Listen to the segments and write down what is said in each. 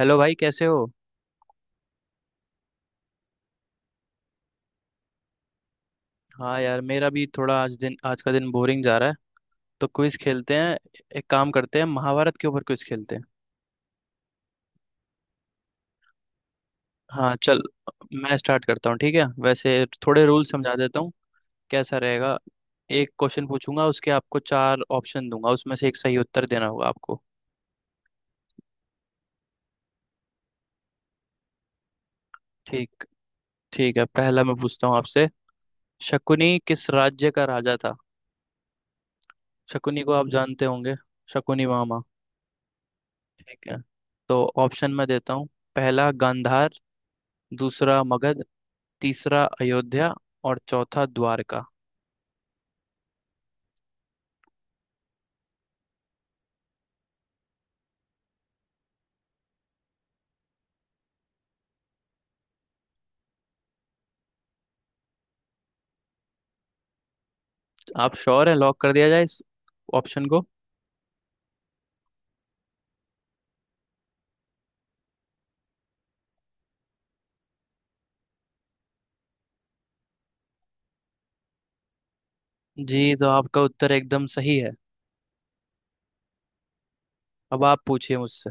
Hello भाई, कैसे हो? हाँ यार, मेरा भी थोड़ा आज का दिन बोरिंग जा रहा है, तो क्विज खेलते हैं। एक काम करते हैं, महाभारत के ऊपर क्विज खेलते हैं। हाँ चल, मैं स्टार्ट करता हूँ। ठीक है, वैसे थोड़े रूल समझा देता हूँ। कैसा रहेगा? एक क्वेश्चन पूछूंगा, उसके आपको चार ऑप्शन दूंगा, उसमें से एक सही उत्तर देना होगा आपको। ठीक। ठीक है, पहला मैं पूछता हूँ आपसे। शकुनी किस राज्य का राजा था? शकुनी को आप जानते होंगे, शकुनी मामा। ठीक है, तो ऑप्शन मैं देता हूँ। पहला गांधार, दूसरा मगध, तीसरा अयोध्या और चौथा द्वारका। आप श्योर है? लॉक कर दिया जाए इस ऑप्शन को? जी, तो आपका उत्तर एकदम सही है। अब आप पूछिए मुझसे।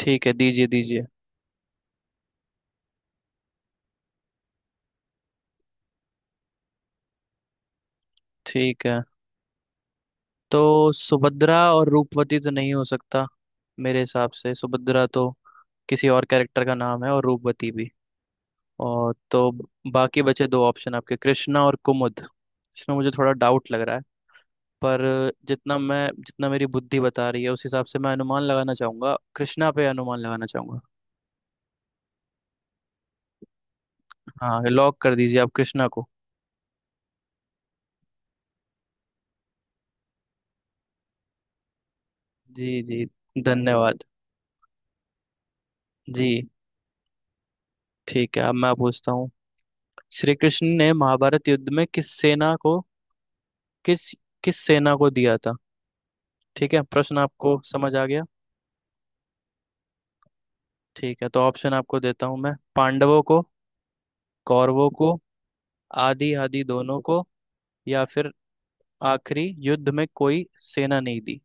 ठीक है, दीजिए दीजिए। ठीक है, तो सुभद्रा और रूपवती तो नहीं हो सकता। मेरे हिसाब से सुभद्रा तो किसी और कैरेक्टर का नाम है, और रूपवती भी। और तो बाकी बचे दो ऑप्शन आपके, कृष्णा और कुमुद। इसमें मुझे थोड़ा डाउट लग रहा है, पर जितना मेरी बुद्धि बता रही है उस हिसाब से मैं अनुमान लगाना चाहूंगा, कृष्णा पे अनुमान लगाना चाहूंगा। हाँ, लॉक कर दीजिए आप कृष्णा को। जी जी, धन्यवाद। जी, ठीक है, अब मैं पूछता हूँ। श्री कृष्ण ने महाभारत युद्ध में किस सेना को, किस किस सेना को दिया था? ठीक है, प्रश्न आपको समझ आ गया? ठीक है, तो ऑप्शन आपको देता हूँ मैं। पांडवों को, कौरवों को, आदि आदि दोनों को, या फिर आखिरी युद्ध में कोई सेना नहीं दी।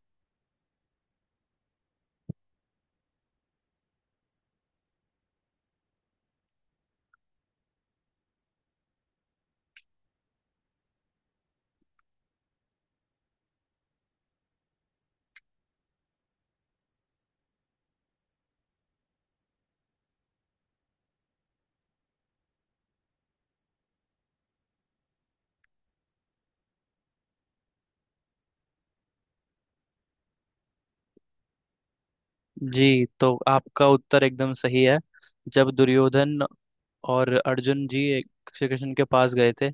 जी, तो आपका उत्तर एकदम सही है। जब दुर्योधन और अर्जुन जी श्री कृष्ण के पास गए थे,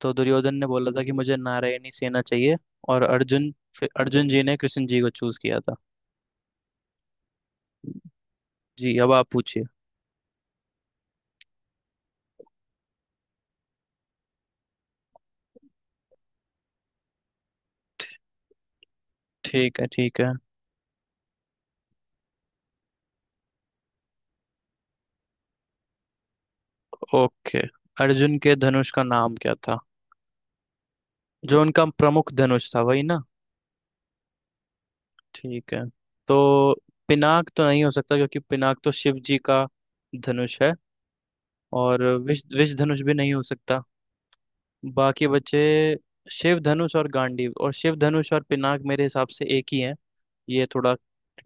तो दुर्योधन ने बोला था कि मुझे नारायणी सेना चाहिए। और अर्जुन, फिर अर्जुन जी ने कृष्ण जी को चूज किया था। जी, अब आप पूछिए। ठीक है ठीक है। ओके, अर्जुन के धनुष का नाम क्या था? जो उनका प्रमुख धनुष था, वही ना? ठीक है, तो पिनाक तो नहीं हो सकता, क्योंकि पिनाक तो शिव जी का धनुष है। और विष विष धनुष भी नहीं हो सकता। बाकी बचे शिव धनुष और गांडीव। और शिव धनुष और पिनाक मेरे हिसाब से एक ही है, ये थोड़ा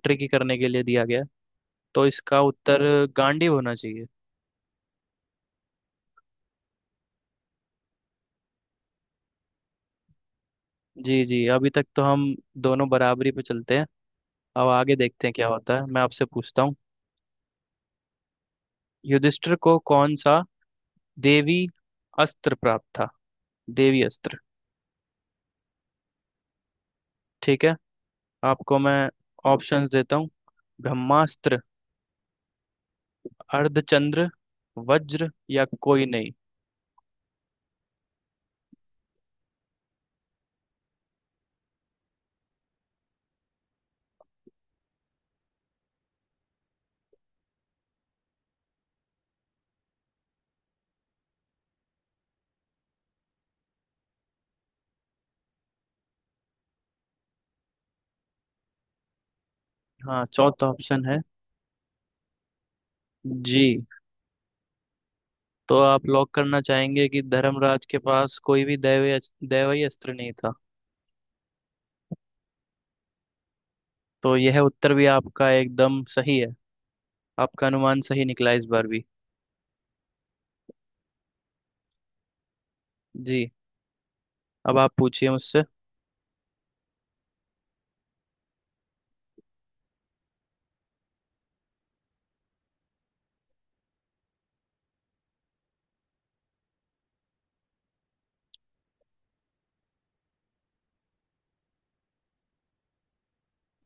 ट्रिकी करने के लिए दिया गया है। तो इसका उत्तर गांडीव होना चाहिए। जी जी, अभी तक तो हम दोनों बराबरी पे चलते हैं। अब आगे देखते हैं क्या होता है। मैं आपसे पूछता हूँ। युधिष्ठिर को कौन सा देवी अस्त्र प्राप्त था? देवी अस्त्र। ठीक है, आपको मैं ऑप्शंस देता हूँ। ब्रह्मास्त्र, अर्धचंद्र, वज्र, या कोई नहीं। हाँ, चौथा ऑप्शन है। जी, तो आप लॉक करना चाहेंगे कि धर्मराज के पास कोई भी दैवीय दैवीय अस्त्र नहीं था? तो यह उत्तर भी आपका एकदम सही है। आपका अनुमान सही निकला इस बार भी। जी, अब आप पूछिए मुझसे।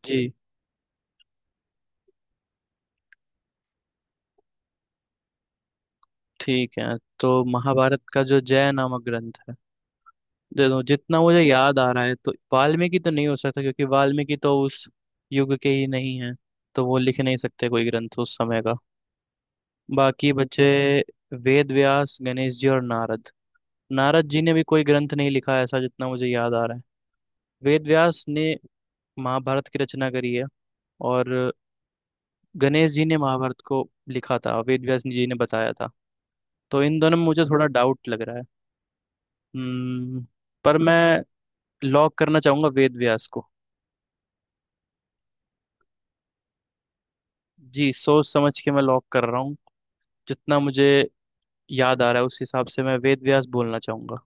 जी, ठीक है, तो महाभारत का जो जय नामक ग्रंथ है, देखो जितना मुझे याद आ रहा है, तो वाल्मीकि तो नहीं हो सकता, क्योंकि वाल्मीकि तो उस युग के ही नहीं है, तो वो लिख नहीं सकते कोई ग्रंथ उस समय का। बाकी बचे वेद व्यास, गणेश जी और नारद। नारद जी ने भी कोई ग्रंथ नहीं लिखा है, ऐसा जितना मुझे याद आ रहा है। वेद व्यास ने महाभारत की रचना करी है, और गणेश जी ने महाभारत को लिखा था, वेद व्यास जी ने बताया था। तो इन दोनों में मुझे थोड़ा डाउट लग रहा है। हम्म, पर मैं लॉक करना चाहूंगा वेद व्यास को। जी, सोच समझ के मैं लॉक कर रहा हूँ। जितना मुझे याद आ रहा है उस हिसाब से मैं वेद व्यास बोलना चाहूंगा।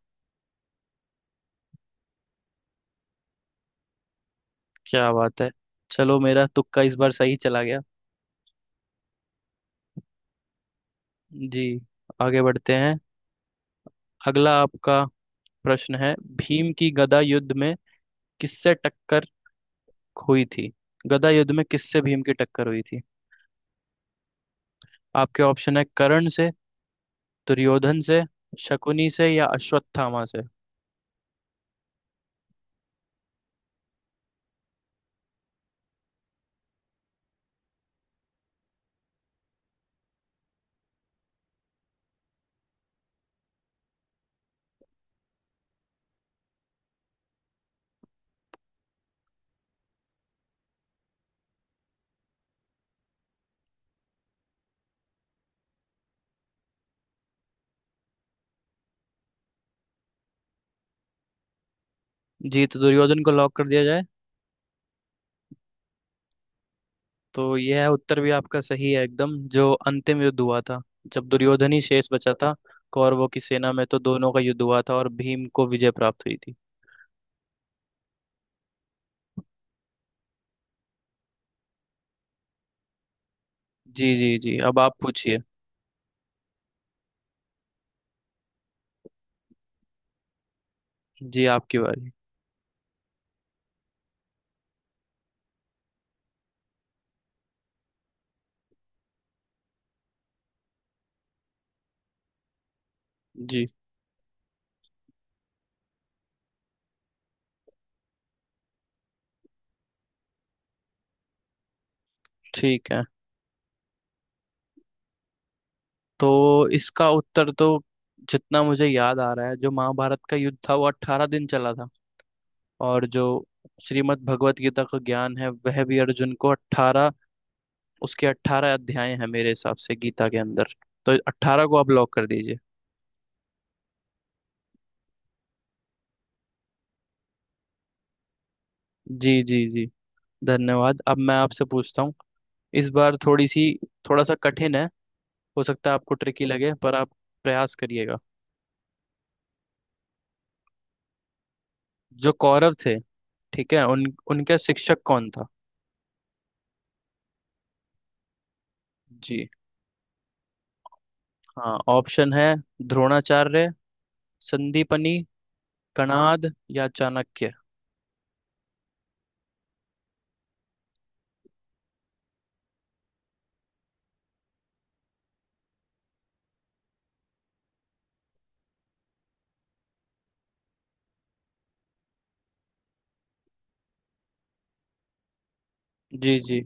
क्या बात है! चलो, मेरा तुक्का इस बार सही चला गया। जी, आगे बढ़ते हैं। अगला आपका प्रश्न है, भीम की गदा युद्ध में किससे टक्कर हुई थी? गदा युद्ध में किससे भीम की टक्कर हुई थी? आपके ऑप्शन है, कर्ण से, दुर्योधन से, शकुनी से, या अश्वत्थामा से। जी, तो दुर्योधन को लॉक कर दिया जाए। तो यह है, उत्तर भी आपका सही है एकदम। जो अंतिम युद्ध हुआ था, जब दुर्योधन ही शेष बचा था कौरवों की सेना में, तो दोनों का युद्ध हुआ था और भीम को विजय प्राप्त हुई थी। जी जी जी, अब आप पूछिए। जी, आपकी बारी। जी, ठीक है, तो इसका उत्तर तो, जितना मुझे याद आ रहा है, जो महाभारत का युद्ध था वो 18 दिन चला था। और जो श्रीमद् भगवत गीता का ज्ञान है, वह भी अर्जुन को अट्ठारह, उसके 18 अध्याय हैं मेरे हिसाब से गीता के अंदर। तो अट्ठारह को आप लॉक कर दीजिए। जी जी जी, धन्यवाद। अब मैं आपसे पूछता हूँ। इस बार थोड़ी सी थोड़ा सा कठिन है। हो सकता है आपको ट्रिकी लगे, पर आप प्रयास करिएगा। जो कौरव थे, ठीक है, उन उनका शिक्षक कौन था? जी, हाँ, ऑप्शन है, द्रोणाचार्य, संदीपनी, कणाद, या चाणक्य। जी। जी,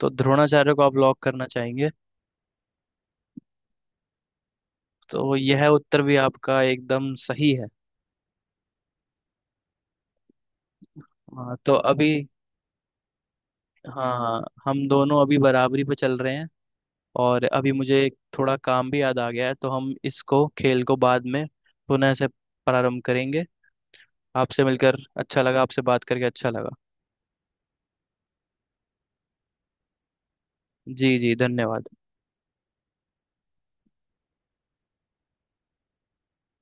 तो द्रोणाचार्य को आप लॉक करना चाहेंगे? तो यह उत्तर भी आपका एकदम सही है। हाँ, तो अभी, हाँ हाँ, हम दोनों अभी बराबरी पे चल रहे हैं। और अभी मुझे एक थोड़ा काम भी याद आ गया है, तो हम इसको, खेल को बाद में पुनः से प्रारंभ करेंगे। आपसे मिलकर अच्छा लगा, आपसे बात करके अच्छा लगा। जी जी, धन्यवाद।